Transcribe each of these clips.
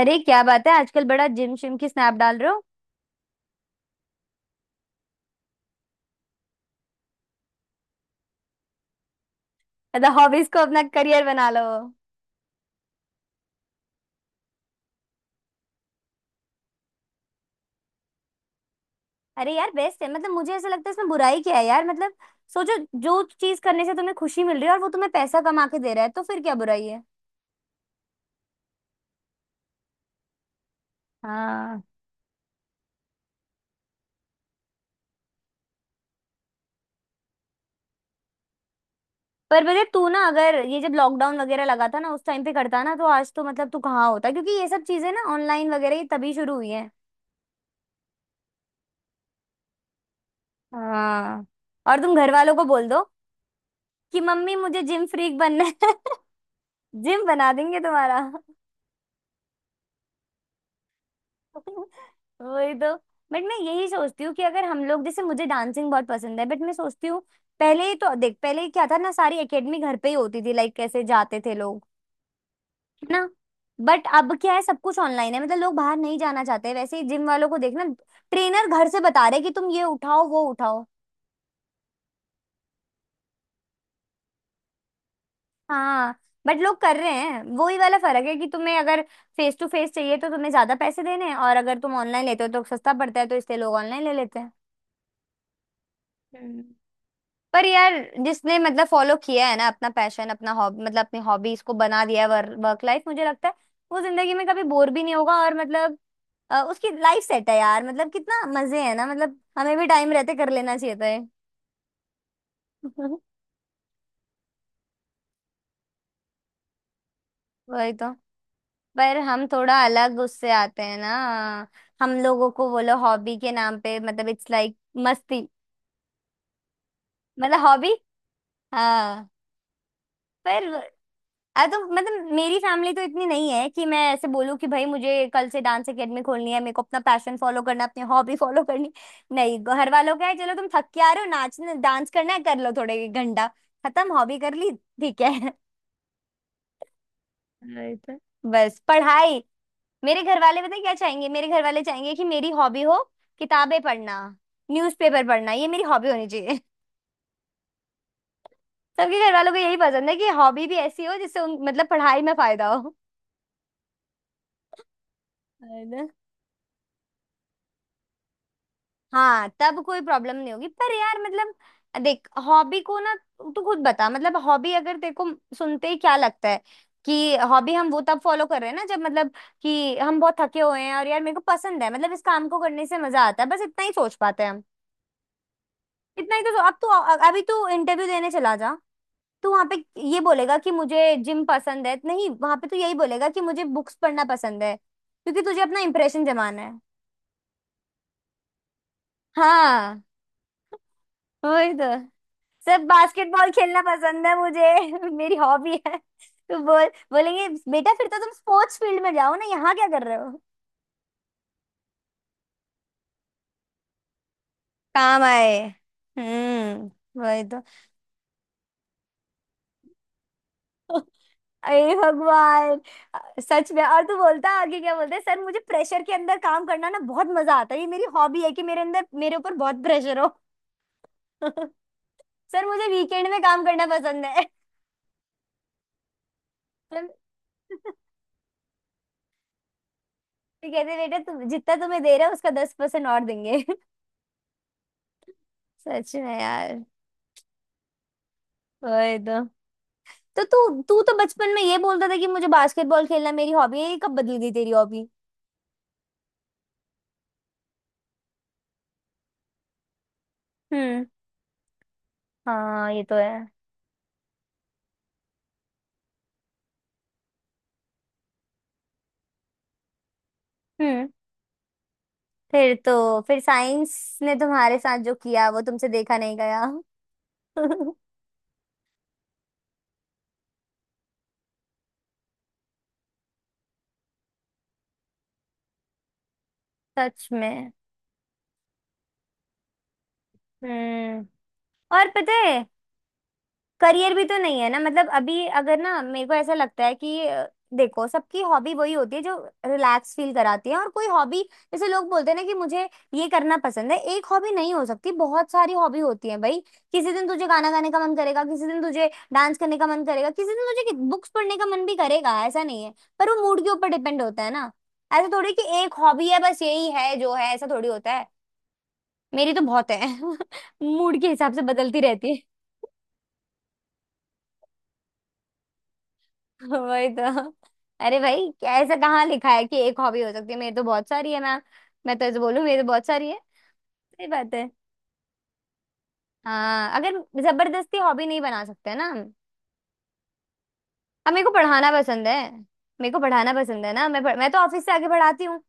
अरे क्या बात है, आजकल बड़ा जिम शिम की स्नैप डाल रहे हो। मतलब हॉबीज को अपना करियर बना लो। अरे यार, बेस्ट है। मतलब मुझे ऐसा लगता है इसमें बुराई क्या है यार। मतलब सोचो। जो चीज करने से तुम्हें खुशी मिल रही है और वो तुम्हें पैसा कमा के दे रहा है, तो फिर क्या बुराई है। हाँ। पर बता तू ना, अगर ये जब लॉकडाउन वगैरह लगा था ना, उस टाइम पे करता ना, तो आज तो मतलब तू कहाँ होता, क्योंकि ये सब चीजें ना ऑनलाइन वगैरह ये तभी शुरू हुई है। हाँ। और तुम घर वालों को बोल दो कि मम्मी मुझे जिम फ्रीक बनना है। जिम बना देंगे तुम्हारा। वही तो। बट मैं यही सोचती हूँ कि अगर हम लोग, जैसे मुझे डांसिंग बहुत पसंद है, बट मैं सोचती हूँ, पहले ही तो देख, पहले क्या था ना सारी एकेडमी घर पे ही होती थी, लाइक कैसे जाते थे लोग। है ना। बट अब क्या है, सब कुछ ऑनलाइन है, मतलब लोग बाहर नहीं जाना चाहते, वैसे ही जिम वालों को देखना, ट्रेनर घर से बता रहे कि तुम ये उठाओ वो उठाओ। हाँ। बट लोग कर रहे हैं, वो ही वाला फर्क है कि तुम्हें अगर फेस टू फेस चाहिए तो तुम्हें ज्यादा पैसे देने हैं, और अगर तुम ऑनलाइन लेते हो तो सस्ता पड़ता है, तो इसलिए लोग ऑनलाइन ले लेते हैं। पर यार, जिसने मतलब फॉलो किया है ना अपना पैशन, अपना हॉबी, मतलब अपनी हॉबी इसको बना दिया है, वर्क लाइफ, मुझे लगता है वो जिंदगी में कभी बोर भी नहीं होगा। और मतलब उसकी लाइफ सेट है यार। मतलब कितना मजे है ना, मतलब हमें भी टाइम रहते कर लेना चाहिए था ये। वही तो। पर हम थोड़ा अलग उससे आते हैं ना। हम लोगों को बोलो हॉबी के नाम पे, मतलब इट्स लाइक मस्ती। मतलब हॉबी। हाँ। पर अरे तो मतलब मेरी फैमिली तो इतनी नहीं है कि मैं ऐसे बोलूँ कि भाई मुझे कल से डांस एकेडमी खोलनी है, मेरे को अपना पैशन फॉलो करना, अपनी हॉबी फॉलो करनी। नहीं, घर वालों का है, चलो तुम थक के आ रहे हो नाचने, डांस करना है कर लो थोड़े घंटा, खत्म हॉबी कर ली। ठीक है। राइट है। बस पढ़ाई। मेरे घर वाले पता है क्या चाहेंगे, मेरे घर वाले चाहेंगे कि मेरी हॉबी हो किताबें पढ़ना, न्यूज़पेपर पढ़ना, ये मेरी हॉबी होनी चाहिए। सबके घर वालों को यही पसंद है कि हॉबी भी ऐसी हो जिससे उन मतलब पढ़ाई में फायदा हो। हाँ, तब कोई प्रॉब्लम नहीं होगी। पर यार मतलब देख हॉबी को ना, तू खुद बता, मतलब हॉबी अगर तेरे को सुनते ही क्या लगता है कि हॉबी हम वो तब फॉलो कर रहे हैं ना जब मतलब कि हम बहुत थके हुए हैं और यार मेरे को पसंद है, मतलब इस काम को करने से मजा आता है, बस इतना ही सोच पाते हैं हम। इतना ही तो अब तू, अभी तू इंटरव्यू देने चला जा। तू वहां पे ये बोलेगा कि मुझे जिम पसंद है, नहीं, वहां पे तू यही बोलेगा कि मुझे बुक्स पढ़ना पसंद है क्योंकि तुझे अपना इंप्रेशन जमाना है। हाँ, वही तो। सब बास्केटबॉल खेलना पसंद है मुझे, मेरी हॉबी है, तो बोल बोलेंगे बेटा फिर तो तुम स्पोर्ट्स फील्ड में जाओ ना, यहाँ क्या कर रहे हो। काम आए। हम्म, वही तो। अरे भगवान। सच में, और तू बोलता आगे क्या बोलता है, सर मुझे प्रेशर के अंदर काम करना ना बहुत मजा आता है, ये मेरी हॉबी है कि मेरे अंदर, मेरे ऊपर बहुत प्रेशर हो। सर मुझे वीकेंड में काम करना पसंद है। तो कहते बेटा तुम जितना तुम्हें दे रहा है उसका 10% और देंगे। सच में यार। वही तो। तो तू तू तो बचपन में ये बोलता था कि मुझे बास्केटबॉल खेलना मेरी हॉबी है, ये कब बदल गई तेरी हॉबी। हम्म। हाँ ये तो है। हम्म। फिर तो, फिर साइंस ने तुम्हारे साथ जो किया वो तुमसे देखा नहीं गया। सच में। हम्म। और पता है करियर भी तो नहीं है ना। मतलब अभी अगर ना मेरे को ऐसा लगता है कि देखो सबकी हॉबी वही होती है जो रिलैक्स फील कराती है। और कोई हॉबी, जैसे लोग बोलते हैं ना कि मुझे ये करना पसंद है, एक हॉबी नहीं हो सकती, बहुत सारी हॉबी होती है भाई। किसी दिन तुझे गाना गाने का मन करेगा, किसी दिन तुझे डांस करने का मन करेगा, किसी दिन तुझे बुक्स पढ़ने का मन भी करेगा, ऐसा नहीं है। पर वो मूड के ऊपर डिपेंड होता है ना। ऐसा थोड़ी कि एक हॉबी है बस यही है जो है, ऐसा थोड़ी होता है। मेरी तो बहुत है, मूड के हिसाब से बदलती रहती है। वही तो। अरे भाई क्या ऐसा कहाँ लिखा है कि एक हॉबी हो सकती है, मेरी तो बहुत सारी है मैम। मैं तो ऐसे बोलूँ मेरी तो बहुत सारी है। सही बात है। हाँ अगर जबरदस्ती हॉबी नहीं बना सकते ना हम। अब मेरे को पढ़ाना पसंद है। मेरे को पढ़ाना पसंद है ना, मैं तो ऑफिस से आगे पढ़ाती हूँ।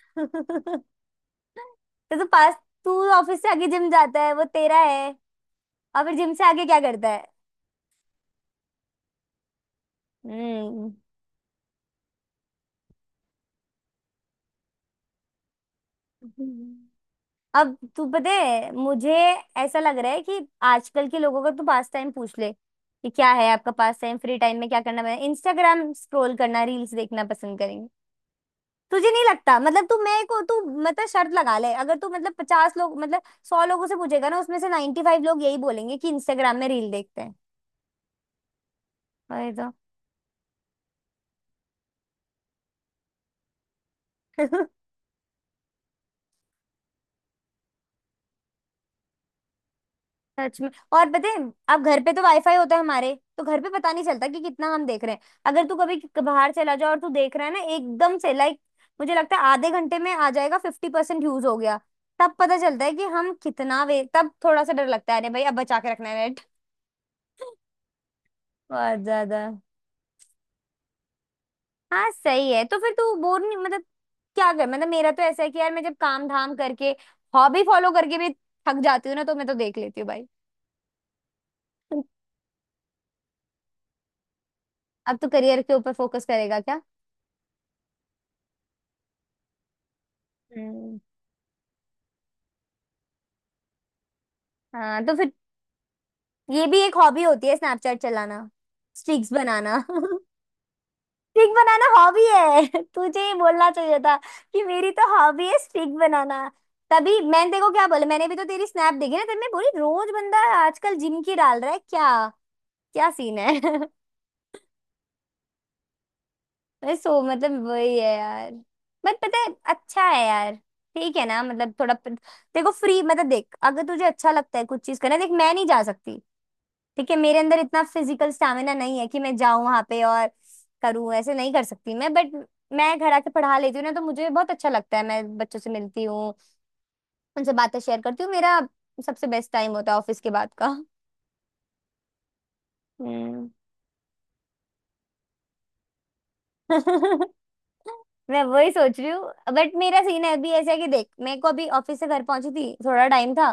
तो, तो पास, तू ऑफिस से आगे जिम जाता है, वो तेरा है, और फिर जिम से आगे क्या करता है। हम्म। अब तू पता है मुझे ऐसा लग रहा है कि आजकल के लोगों का तू पास टाइम पूछ ले कि क्या है आपका पास टाइम, फ्री टाइम में क्या करना है, इंस्टाग्राम स्क्रॉल करना, रील्स देखना पसंद करेंगे। तुझे नहीं लगता, मतलब तू मैं को तू, मतलब शर्त लगा ले, अगर तू मतलब 50 लोग मतलब 100 लोगों से पूछेगा ना, उसमें से 95 लोग यही बोलेंगे कि इंस्टाग्राम में रील देखते हैं। अरे तो सच में। और पता है अब घर पे तो वाईफाई होता है, हमारे तो घर पे पता नहीं चलता कि कितना हम देख रहे हैं, अगर तू कभी बाहर चला जाओ और तू देख रहा है ना एकदम से, लाइक मुझे लगता है आधे घंटे में आ जाएगा 50% यूज हो गया। तब पता चलता है कि हम कितना वे, तब थोड़ा सा डर लगता है, अरे भाई अब बचा के रखना है नेट। बहुत ज्यादा। हाँ सही है। तो फिर तू बोर नहीं, मतलब क्या कर, मतलब मेरा तो ऐसा है कि यार मैं जब काम धाम करके हॉबी फॉलो करके भी थक जाती हूँ ना, तो मैं तो देख लेती हूँ भाई। अब तो करियर के ऊपर फोकस करेगा क्या। हम्म। हाँ तो फिर ये भी एक हॉबी होती है स्नैपचैट चलाना, स्ट्रिक्स बनाना। स्ट्रिक बनाना हॉबी है, तुझे ये बोलना चाहिए था कि मेरी तो हॉबी है स्ट्रिक बनाना। तभी मैंने देखो क्या बोला, मैंने भी तो तेरी स्नैप देखी ना, तभी मैं बोली रोज बंदा आजकल जिम की डाल रहा है क्या, क्या सीन है। मैं सो मतलब वही है यार। बट पता है अच्छा है यार। ठीक है ना, मतलब थोड़ा देखो फ्री, मतलब देख अगर तुझे अच्छा लगता है कुछ चीज करना, देख मैं नहीं जा सकती। देखिए मेरे अंदर इतना फिजिकल स्टैमिना नहीं है कि मैं जाऊं वहां पे और करूं, ऐसे नहीं कर सकती मैं, बट मैं घर आके पढ़ा लेती हूँ ना, तो मुझे बहुत अच्छा लगता है, मैं बच्चों से मिलती हूँ, उनसे बातें शेयर करती हूँ, मेरा सबसे बेस्ट टाइम होता है ऑफिस के बाद का। हम्म। मैं वही सोच रही हूँ। बट मेरा सीन है अभी ऐसा है कि देख, मेरे को अभी ऑफिस से घर पहुंची थी, थोड़ा टाइम था,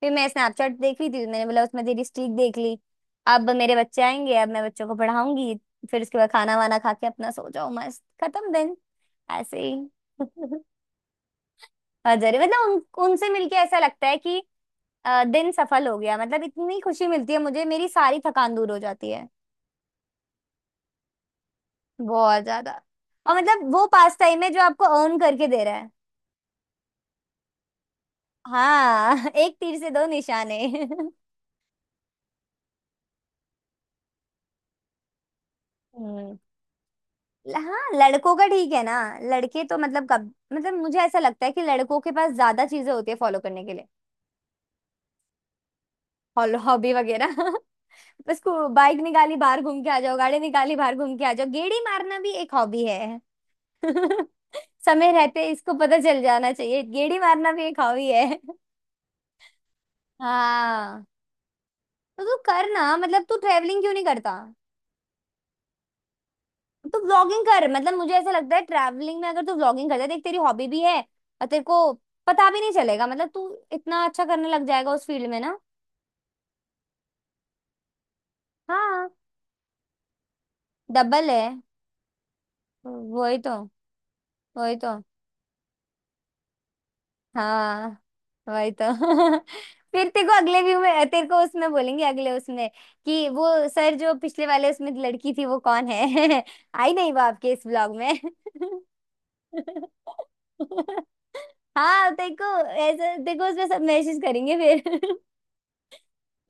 फिर मैं स्नैपचैट देख रही थी, मैंने बोला उसमें तेरी स्ट्रीक देख ली। अब मेरे बच्चे आएंगे, अब मैं बच्चों को पढ़ाऊंगी, फिर उसके बाद खाना वाना खा के अपना सो जाऊं, मस्त खत्म दिन, ऐसे ही। अजरे मतलब उनसे मिलके ऐसा लगता है कि दिन सफल हो गया। मतलब इतनी खुशी मिलती है मुझे, मेरी सारी थकान दूर हो जाती है, बहुत ज्यादा। और मतलब वो पास टाइम है जो आपको अर्न करके दे रहा है। हाँ, एक तीर से दो निशाने। हम्म। ल- हाँ, लड़कों का ठीक है ना, लड़के तो मतलब कब मतलब मुझे ऐसा लगता है कि लड़कों के पास ज्यादा चीजें होती है फॉलो करने के लिए, हॉलो हॉबी वगैरह। बस को बाइक निकाली बाहर घूम के आ जाओ, गाड़ी निकाली बाहर घूम के आ जाओ, गेड़ी मारना भी एक हॉबी है। समय रहते इसको पता चल जाना चाहिए, गेड़ी मारना भी एक हॉबी है। हाँ। तो तू कर ना, मतलब तू ट्रेवलिंग क्यों नहीं करता। तो व्लॉगिंग कर, मतलब मुझे ऐसा लगता है ट्रैवलिंग में अगर तू व्लॉगिंग करता है, देख तेरी हॉबी भी है और तेरे को पता भी नहीं चलेगा, मतलब तू इतना अच्छा करने लग जाएगा उस फील्ड में ना। हाँ। डबल है। वही तो। वही तो। हाँ, वही तो। फिर तेरे को अगले व्यू में तेरे को उसमें बोलेंगे अगले उसमें कि वो सर जो पिछले वाले उसमें लड़की थी वो कौन है, आई नहीं वो आपके इस ब्लॉग में। हाँ तेरे को, ऐसा तेरे को उसमें सब मैसेज करेंगे फिर।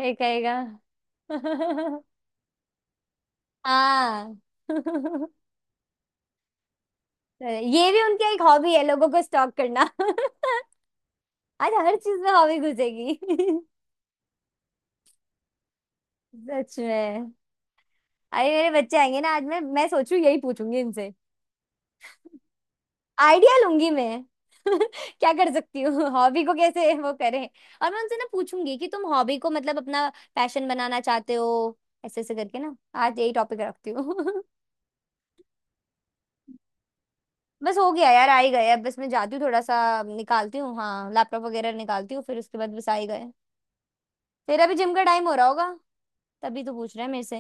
ये कहेगा। हाँ। ये भी उनकी एक हॉबी है लोगों को स्टॉक करना। आज हर चीज में हॉबी घुसेगी। सच में। अरे मेरे बच्चे आएंगे ना, आज मैं सोचू यही पूछूंगी इनसे, आइडिया लूंगी मैं। क्या कर सकती हूँ, हॉबी को कैसे वो करें। और मैं उनसे ना पूछूंगी कि तुम हॉबी को मतलब अपना पैशन बनाना चाहते हो, ऐसे ऐसे करके ना आज यही टॉपिक रखती हूँ। बस हो गया यार, आ ही गए, अब बस मैं जाती हूँ, थोड़ा सा निकालती हूँ, हाँ लैपटॉप वगैरह निकालती हूँ, फिर उसके बाद बस आ ही गए। तेरा भी जिम का टाइम हो रहा होगा, तभी तो पूछ रहा है मेरे से।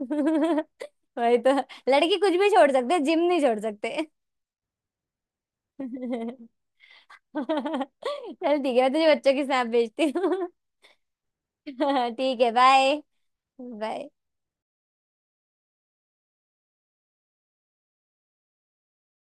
वही तो। लड़की कुछ भी छोड़ सकते, जिम नहीं छोड़ सकते। चल, ठीक है, मैं तुझे बच्चों की स्नैप भेजती हूँ। ठीक है बाय बाय।